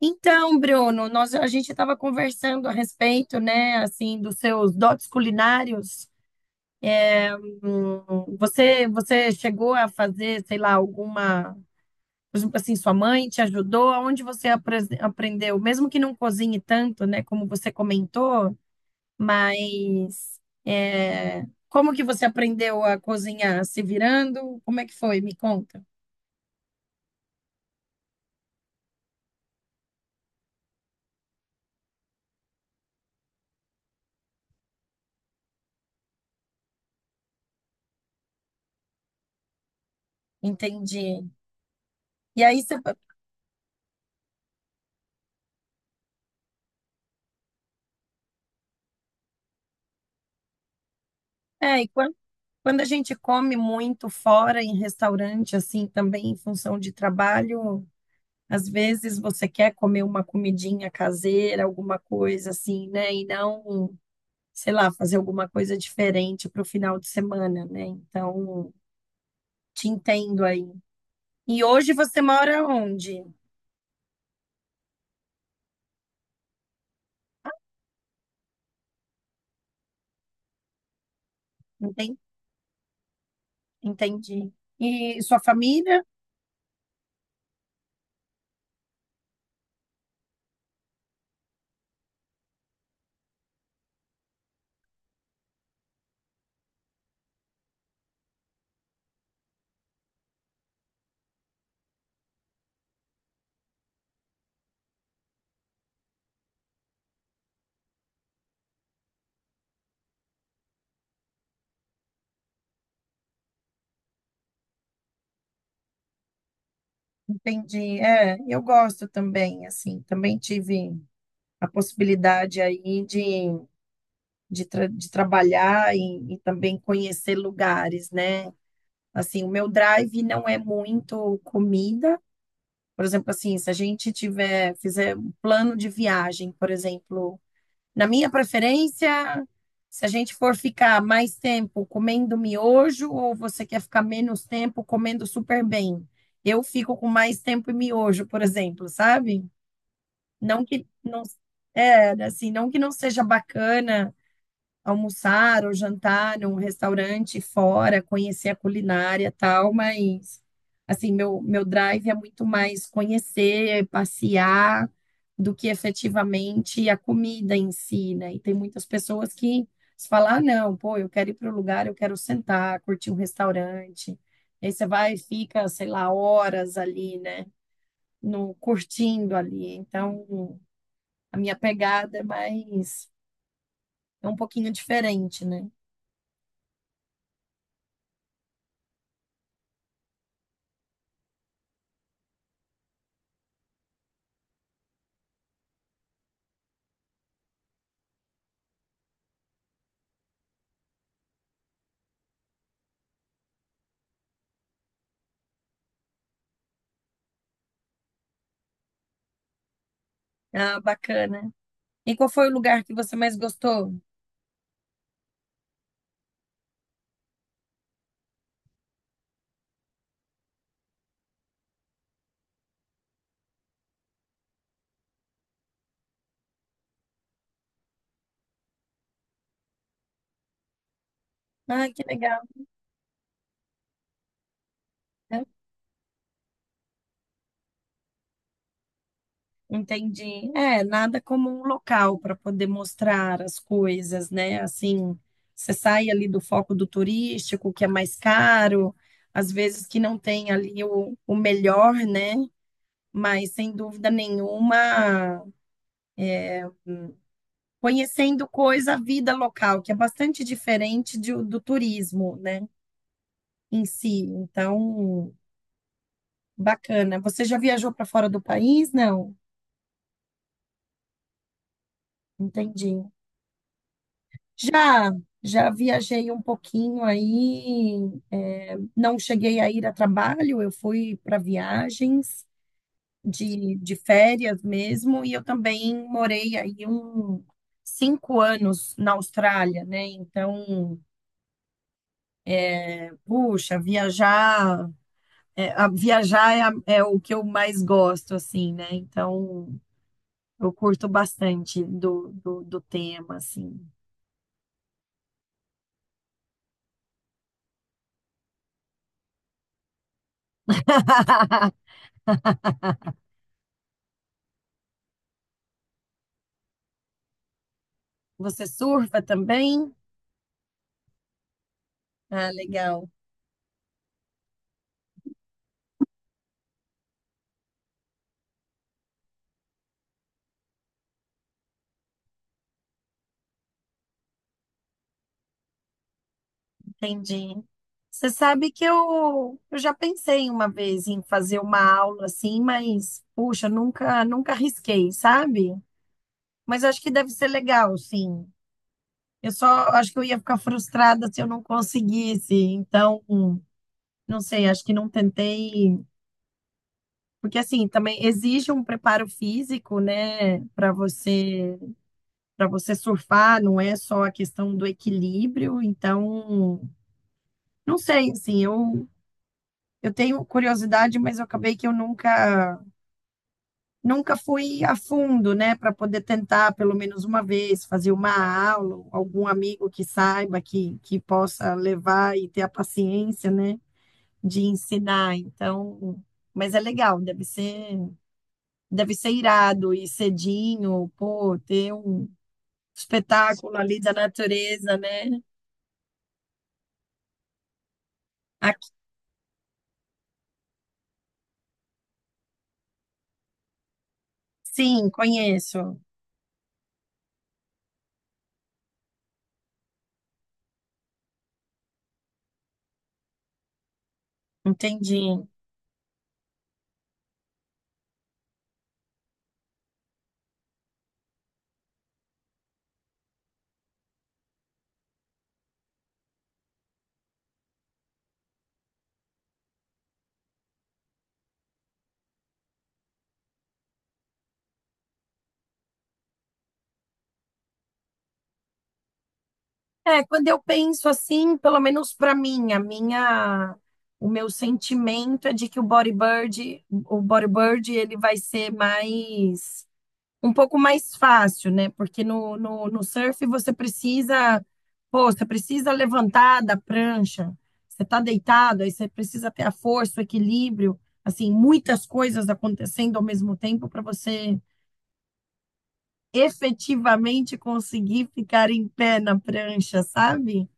Então, Bruno, a gente estava conversando a respeito, né, assim, dos seus dotes culinários. Você chegou a fazer, sei lá, alguma, por exemplo, assim, sua mãe te ajudou? Aonde você aprendeu? Mesmo que não cozinhe tanto, né, como você comentou, mas é, como que você aprendeu a cozinhar? Se virando? Como é que foi? Me conta. Entendi. E aí você, é, e quando a gente come muito fora, em restaurante, assim, também em função de trabalho, às vezes você quer comer uma comidinha caseira, alguma coisa assim, né? E não, sei lá, fazer alguma coisa diferente para o final de semana, né? Então, te entendo aí. E hoje você mora onde? Enten- Entendi. E sua família? Entendi. É, eu gosto também, assim, também tive a possibilidade aí de trabalhar e também conhecer lugares, né? Assim, o meu drive não é muito comida. Por exemplo, assim, se a gente tiver, fizer um plano de viagem, por exemplo, na minha preferência, se a gente for ficar mais tempo comendo miojo ou você quer ficar menos tempo comendo super bem, eu fico com mais tempo em miojo, por exemplo, sabe? Não que não, é, assim, não que não seja bacana almoçar ou jantar num restaurante fora, conhecer a culinária e tal, mas assim, meu drive é muito mais conhecer, passear, do que efetivamente a comida em si, né? E tem muitas pessoas que se falar, "Ah, não, pô, eu quero ir para o lugar, eu quero sentar, curtir um restaurante. E aí você vai e fica, sei lá, horas ali, né? No curtindo ali. Então, a minha pegada é mais é um pouquinho diferente, né? Ah, bacana. E qual foi o lugar que você mais gostou? Ah, que legal, né? Entendi. É, nada como um local para poder mostrar as coisas, né? Assim, você sai ali do foco do turístico, que é mais caro, às vezes que não tem ali o melhor, né? Mas sem dúvida nenhuma, conhecendo coisa, a vida local, que é bastante diferente de- do turismo, né? Em si. Então. Bacana. Você já viajou para fora do país? Não, entendi. Já, já viajei um pouquinho aí. É, não cheguei a ir a trabalho, eu fui para viagens de férias mesmo, e eu também morei aí um 5 anos na Austrália, né? Então, é, puxa, viajar é, a- é o que eu mais gosto, assim, né? Então, eu curto bastante do tema, assim. Você surfa também? Ah, legal, entendi. Você sabe que eu já pensei uma vez em fazer uma aula assim, mas puxa, nunca arrisquei, sabe? Mas acho que deve ser legal, sim. Eu só acho que eu ia ficar frustrada se eu não conseguisse. Então, não sei, acho que não tentei, porque assim, também exige um preparo físico, né, para você surfar, não é só a questão do equilíbrio, então Não sei, assim, eu tenho curiosidade, mas eu acabei que eu nunca fui a fundo, né, para poder tentar pelo menos uma vez fazer uma aula, algum amigo que saiba, que possa levar e ter a paciência, né, de ensinar. Então, mas é legal, deve ser irado e cedinho, pô, ter um espetáculo ali da natureza, né? Aqui, sim, conheço, entendi. É, quando eu penso assim, pelo menos para mim, a minha, o meu sentimento é de que o bodyboard, ele vai ser mais, um pouco mais fácil, né? Porque no surf você precisa, pô, você precisa levantar da prancha, você tá deitado, aí você precisa ter a força, o equilíbrio, assim, muitas coisas acontecendo ao mesmo tempo para você efetivamente conseguir ficar em pé na prancha, sabe?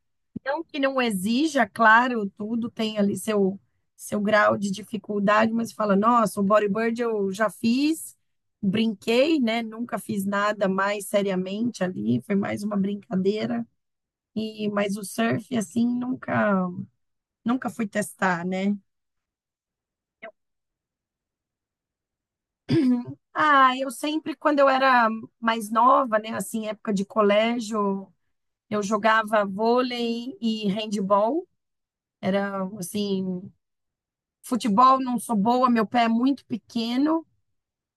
Não que não exija, claro, tudo tem ali seu, seu grau de dificuldade, mas fala, nossa, o bodyboard eu já fiz, brinquei, né? Nunca fiz nada mais seriamente ali, foi mais uma brincadeira. E, mas o surf, assim, nunca, nunca fui testar, né? Ah, eu sempre, quando eu era mais nova, né? Assim, época de colégio, eu jogava vôlei e handball. Era, assim, futebol não sou boa, meu pé é muito pequeno,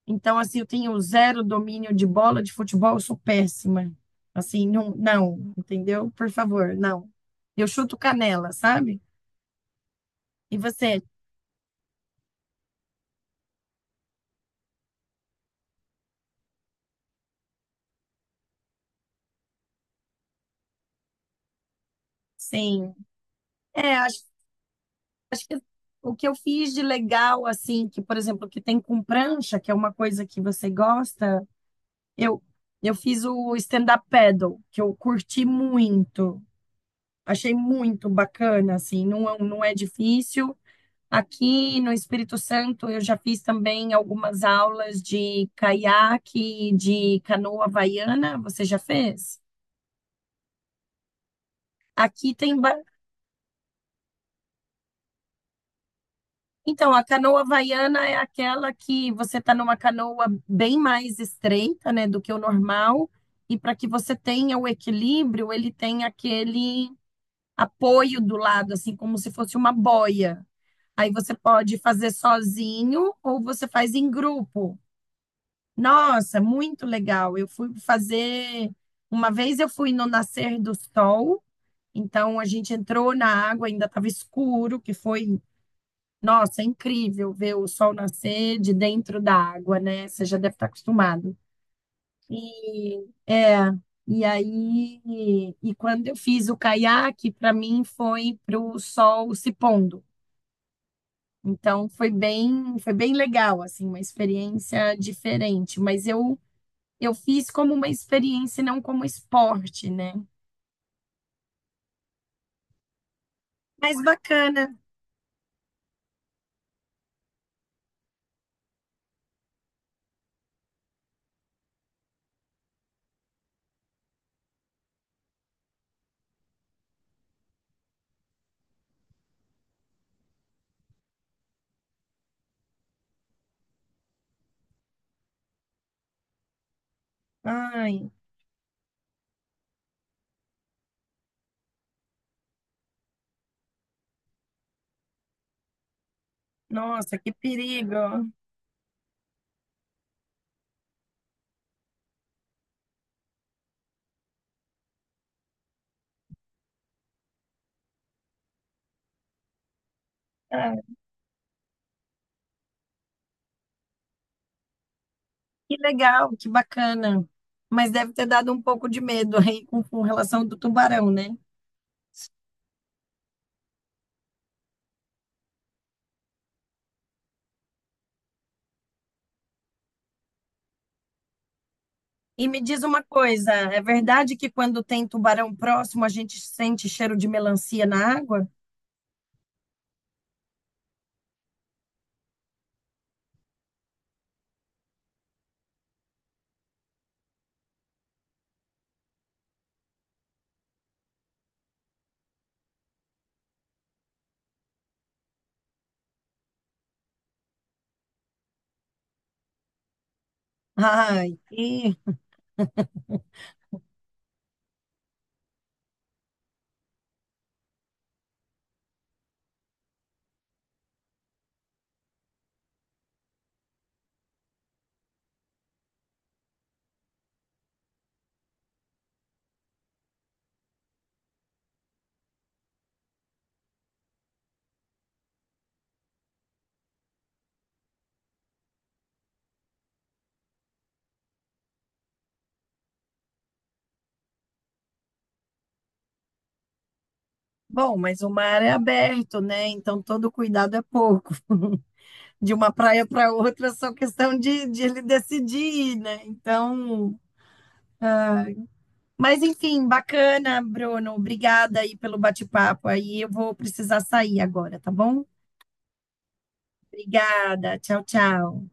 então, assim, eu tenho zero domínio de bola de futebol, eu sou péssima. Assim, não, não, entendeu? Por favor, não. Eu chuto canela, sabe? E você? Sim. É, acho, o que eu fiz de legal, assim, que, por exemplo, que tem com prancha, que é uma coisa que você gosta, eu, eu fiz o stand-up paddle, que eu curti muito. Achei muito bacana, assim, não, não é difícil. Aqui no Espírito Santo, eu já fiz também algumas aulas de caiaque, de canoa havaiana. Você já fez? Aqui tem. Então, a canoa havaiana é aquela que você está numa canoa bem mais estreita, né, do que o normal. E para que você tenha o equilíbrio, ele tem aquele apoio do lado, assim, como se fosse uma boia. Aí você pode fazer sozinho ou você faz em grupo. Nossa, muito legal. Eu fui fazer. Uma vez eu fui no nascer do sol, então a gente entrou na água, ainda estava escuro, que foi, nossa, é incrível ver o sol nascer de dentro da água, né? Você já deve estar acostumado. E é, e aí, e quando eu fiz o caiaque, para mim foi para o sol se pondo. Então foi bem legal, assim, uma experiência diferente. Mas eu fiz como uma experiência e não como esporte, né? Mas bacana. Ai, nossa, que perigo. Ah, que legal, que bacana. Mas deve ter dado um pouco de medo aí com relação do tubarão, né? E me diz uma coisa, é verdade que quando tem tubarão próximo a gente sente cheiro de melancia na água? Ai, que... Bom, mas o mar é aberto, né? Então todo cuidado é pouco. de uma praia para outra, só questão de ele decidir, né? Então, mas enfim, bacana, Bruno. Obrigada aí pelo bate-papo. Aí eu vou precisar sair agora, tá bom? Obrigada. Tchau, tchau.